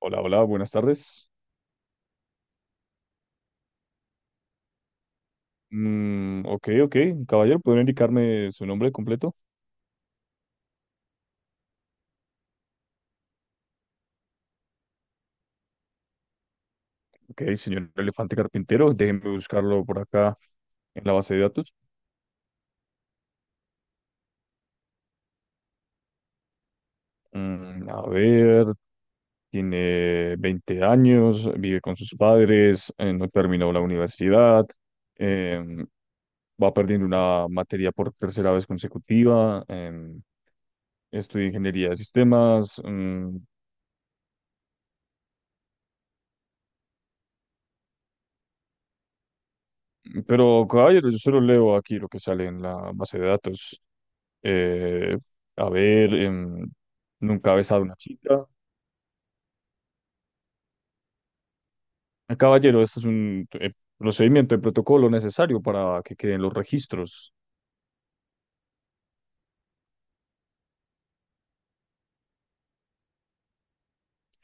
Hola, hola, buenas tardes. Mm, ok, ok, caballero, ¿pueden indicarme su nombre completo? Ok, señor Elefante Carpintero, déjenme buscarlo por acá en la base de datos. A ver, tiene 20 años, vive con sus padres, no terminó la universidad, em, va perdiendo una materia por tercera vez consecutiva, estudia ingeniería de sistemas, pero caballero, yo solo leo aquí lo que sale en la base de datos. Eh, a ver, nunca ha besado a una chica. Caballero, esto es un procedimiento de protocolo necesario para que queden los registros.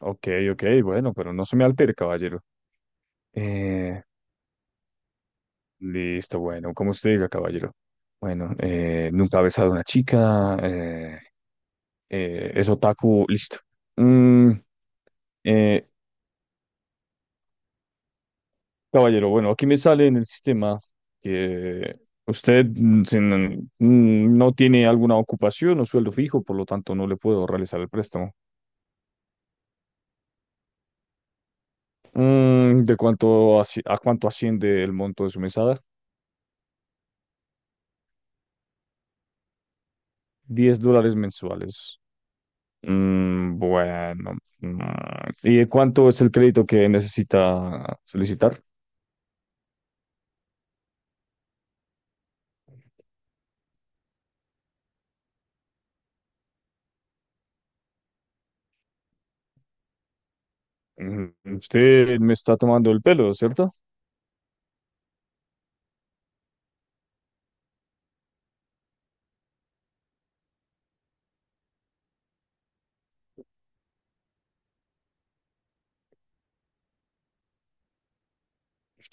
Ok, ok, bueno, pero no se me altere, caballero. Eh, listo, bueno, como usted diga, caballero. Bueno, nunca ha besado a una chica. Es otaku, listo. Mm, eh, Caballero, bueno, aquí me sale en el sistema que usted no tiene alguna ocupación o sueldo fijo, por lo tanto no le puedo realizar el préstamo. ¿De cuánto a cuánto asciende el monto de su mesada? $10 mensuales. Bueno. ¿Y de cuánto es el crédito que necesita solicitar? Usted me está tomando el pelo, ¿cierto?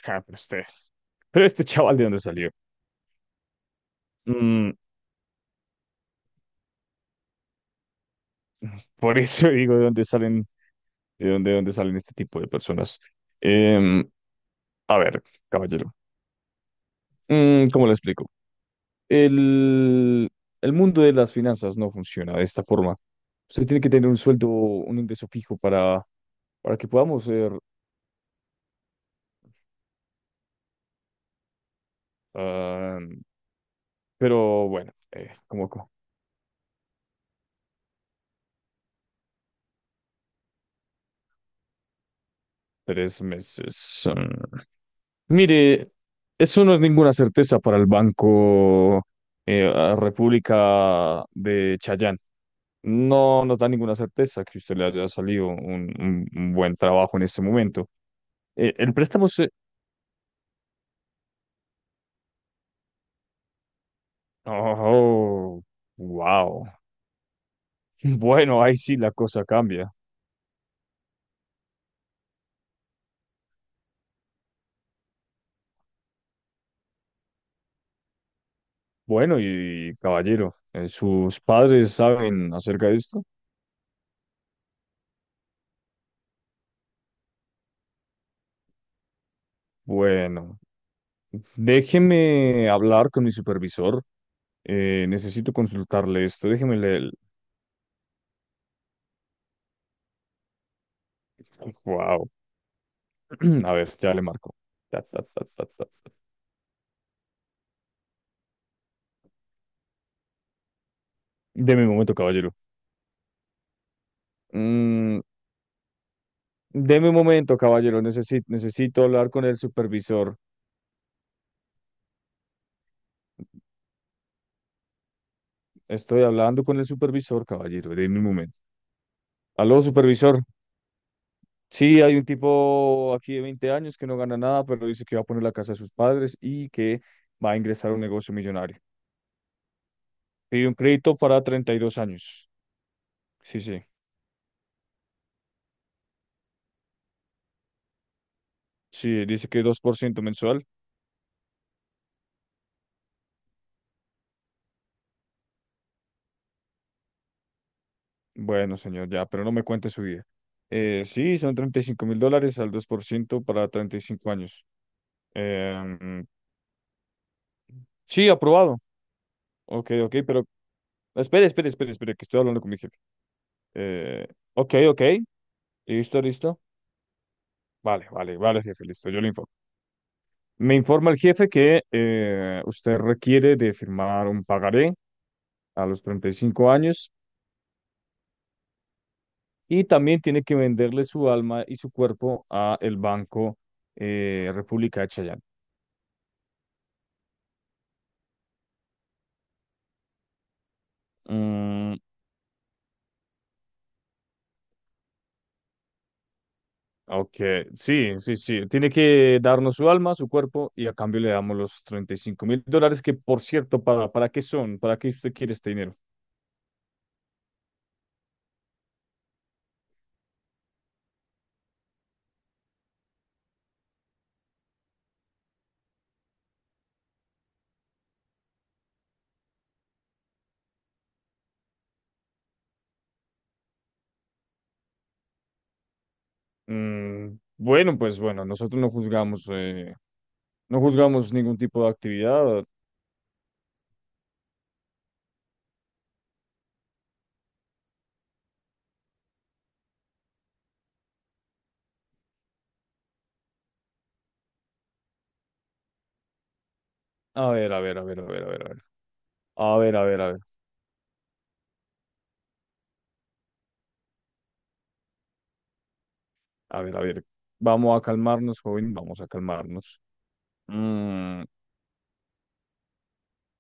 Ah, pero usted. Pero este chaval, ¿de dónde salió? Mm, por eso digo de dónde salen este tipo de personas. Em, a ver, caballero, ¿cómo le explico? El, el mundo de las finanzas no funciona de esta forma. Usted tiene que tener un sueldo, un ingreso fijo para que podamos ser, ah, pero bueno, 3 meses. Ah. Mire, eso no es ninguna certeza para el Banco a República de Chayán. No nos da ninguna certeza que usted le haya salido un buen trabajo en este momento. El préstamo se. Oh, wow. Bueno, ahí sí la cosa cambia. Bueno, y caballero, ¿sus padres saben acerca de esto? Bueno, déjeme hablar con mi supervisor. Necesito consultarle esto. Déjeme, le. Wow. A ver, ya le marco. Ta, ta, ta, ta, ta, ta. Deme un momento, caballero. Mm, deme un momento, caballero. Necesito hablar con el supervisor. Estoy hablando con el supervisor, caballero. Deme un momento. Aló, supervisor. Sí, hay un tipo aquí de 20 años que no gana nada, pero dice que va a poner la casa de sus padres y que va a ingresar a un negocio millonario. Pide un crédito para 32 años. Sí, sí. Sí, dice que 2% mensual. Bueno, señor, ya, pero no me cuente su vida. Sí, son $35.000 al 2% para 35 años. Em, sí, aprobado. Ok, ok, pero espere, espere, espere, espere, que estoy hablando con mi jefe. Eh, ok, ok, listo, listo. Vale, vale, vale, jefe, listo, yo le informo. Me informa el jefe que usted requiere de firmar un pagaré a los 35 años y también tiene que venderle su alma y su cuerpo a el Banco República de Chayán. Ok, sí, sí, sí. Tiene que darnos su alma, su cuerpo, y a cambio le damos los $35.000, que por cierto, ¿para qué son? ¿Para qué usted quiere este dinero? Bueno, pues bueno, nosotros no juzgamos, no juzgamos ningún tipo de actividad. A ver, a ver, a ver, a ver, a ver, a ver, a ver, a ver, a ver, a ver, a ver. Vamos a calmarnos, joven, vamos a calmarnos. Mm,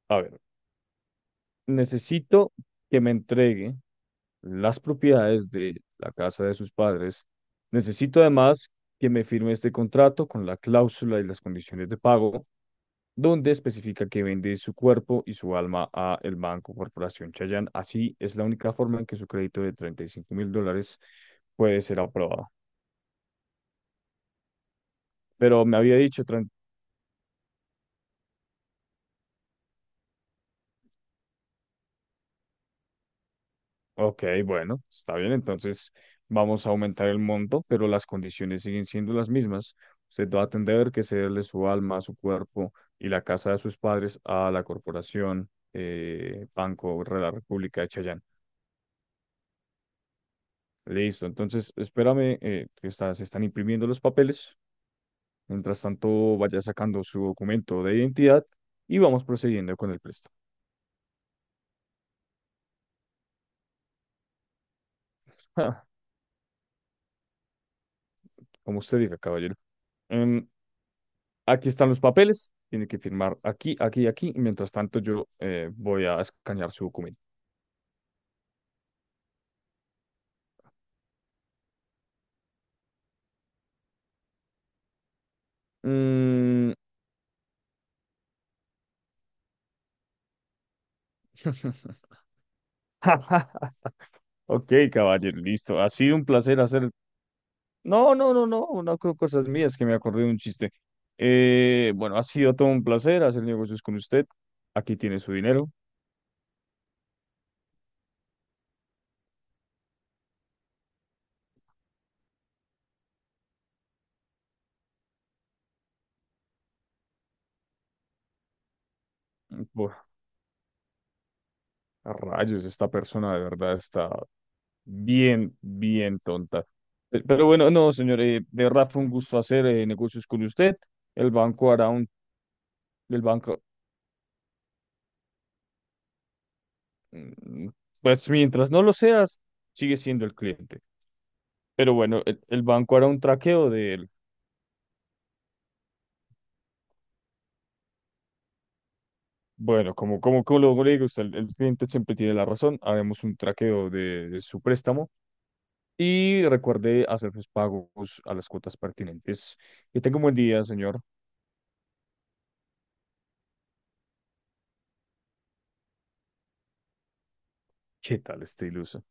a ver, necesito que me entregue las propiedades de la casa de sus padres. Necesito además que me firme este contrato con la cláusula y las condiciones de pago, donde especifica que vende su cuerpo y su alma a el Banco Corporación Chayán. Así es la única forma en que su crédito de $35.000 puede ser aprobado. Pero me había dicho. Ok, bueno, está bien. Entonces vamos a aumentar el monto, pero las condiciones siguen siendo las mismas. Usted va a tener que cederle su alma, su cuerpo y la casa de sus padres a la corporación Banco de la República de Chayán. Listo, entonces espérame que se están imprimiendo los papeles. Mientras tanto, vaya sacando su documento de identidad y vamos procediendo con el préstamo. Ja, como usted diga, caballero. Em, Aquí están los papeles, tiene que firmar aquí, aquí, y aquí. Mientras tanto, yo voy a escanear su documento. Mm. Ok, caballero, listo. Ha sido un placer hacer. No, no, no, no, no creo cosas mías que me acordé de un chiste. Bueno, ha sido todo un placer hacer negocios con usted. Aquí tiene su dinero. Buah, a rayos, esta persona de verdad está bien, bien tonta. Pero bueno, no, señor, de verdad fue un gusto hacer negocios con usted. El banco hará un, el banco, mm, pues mientras no lo seas, sigue siendo el cliente. Pero bueno, el banco hará un traqueo del, bueno, como lo le digo, usted, el cliente siempre tiene la razón, haremos un traqueo de su préstamo y recuerde hacer sus pagos a las cuotas pertinentes. Que tenga un buen día, señor. ¿Qué tal este iluso?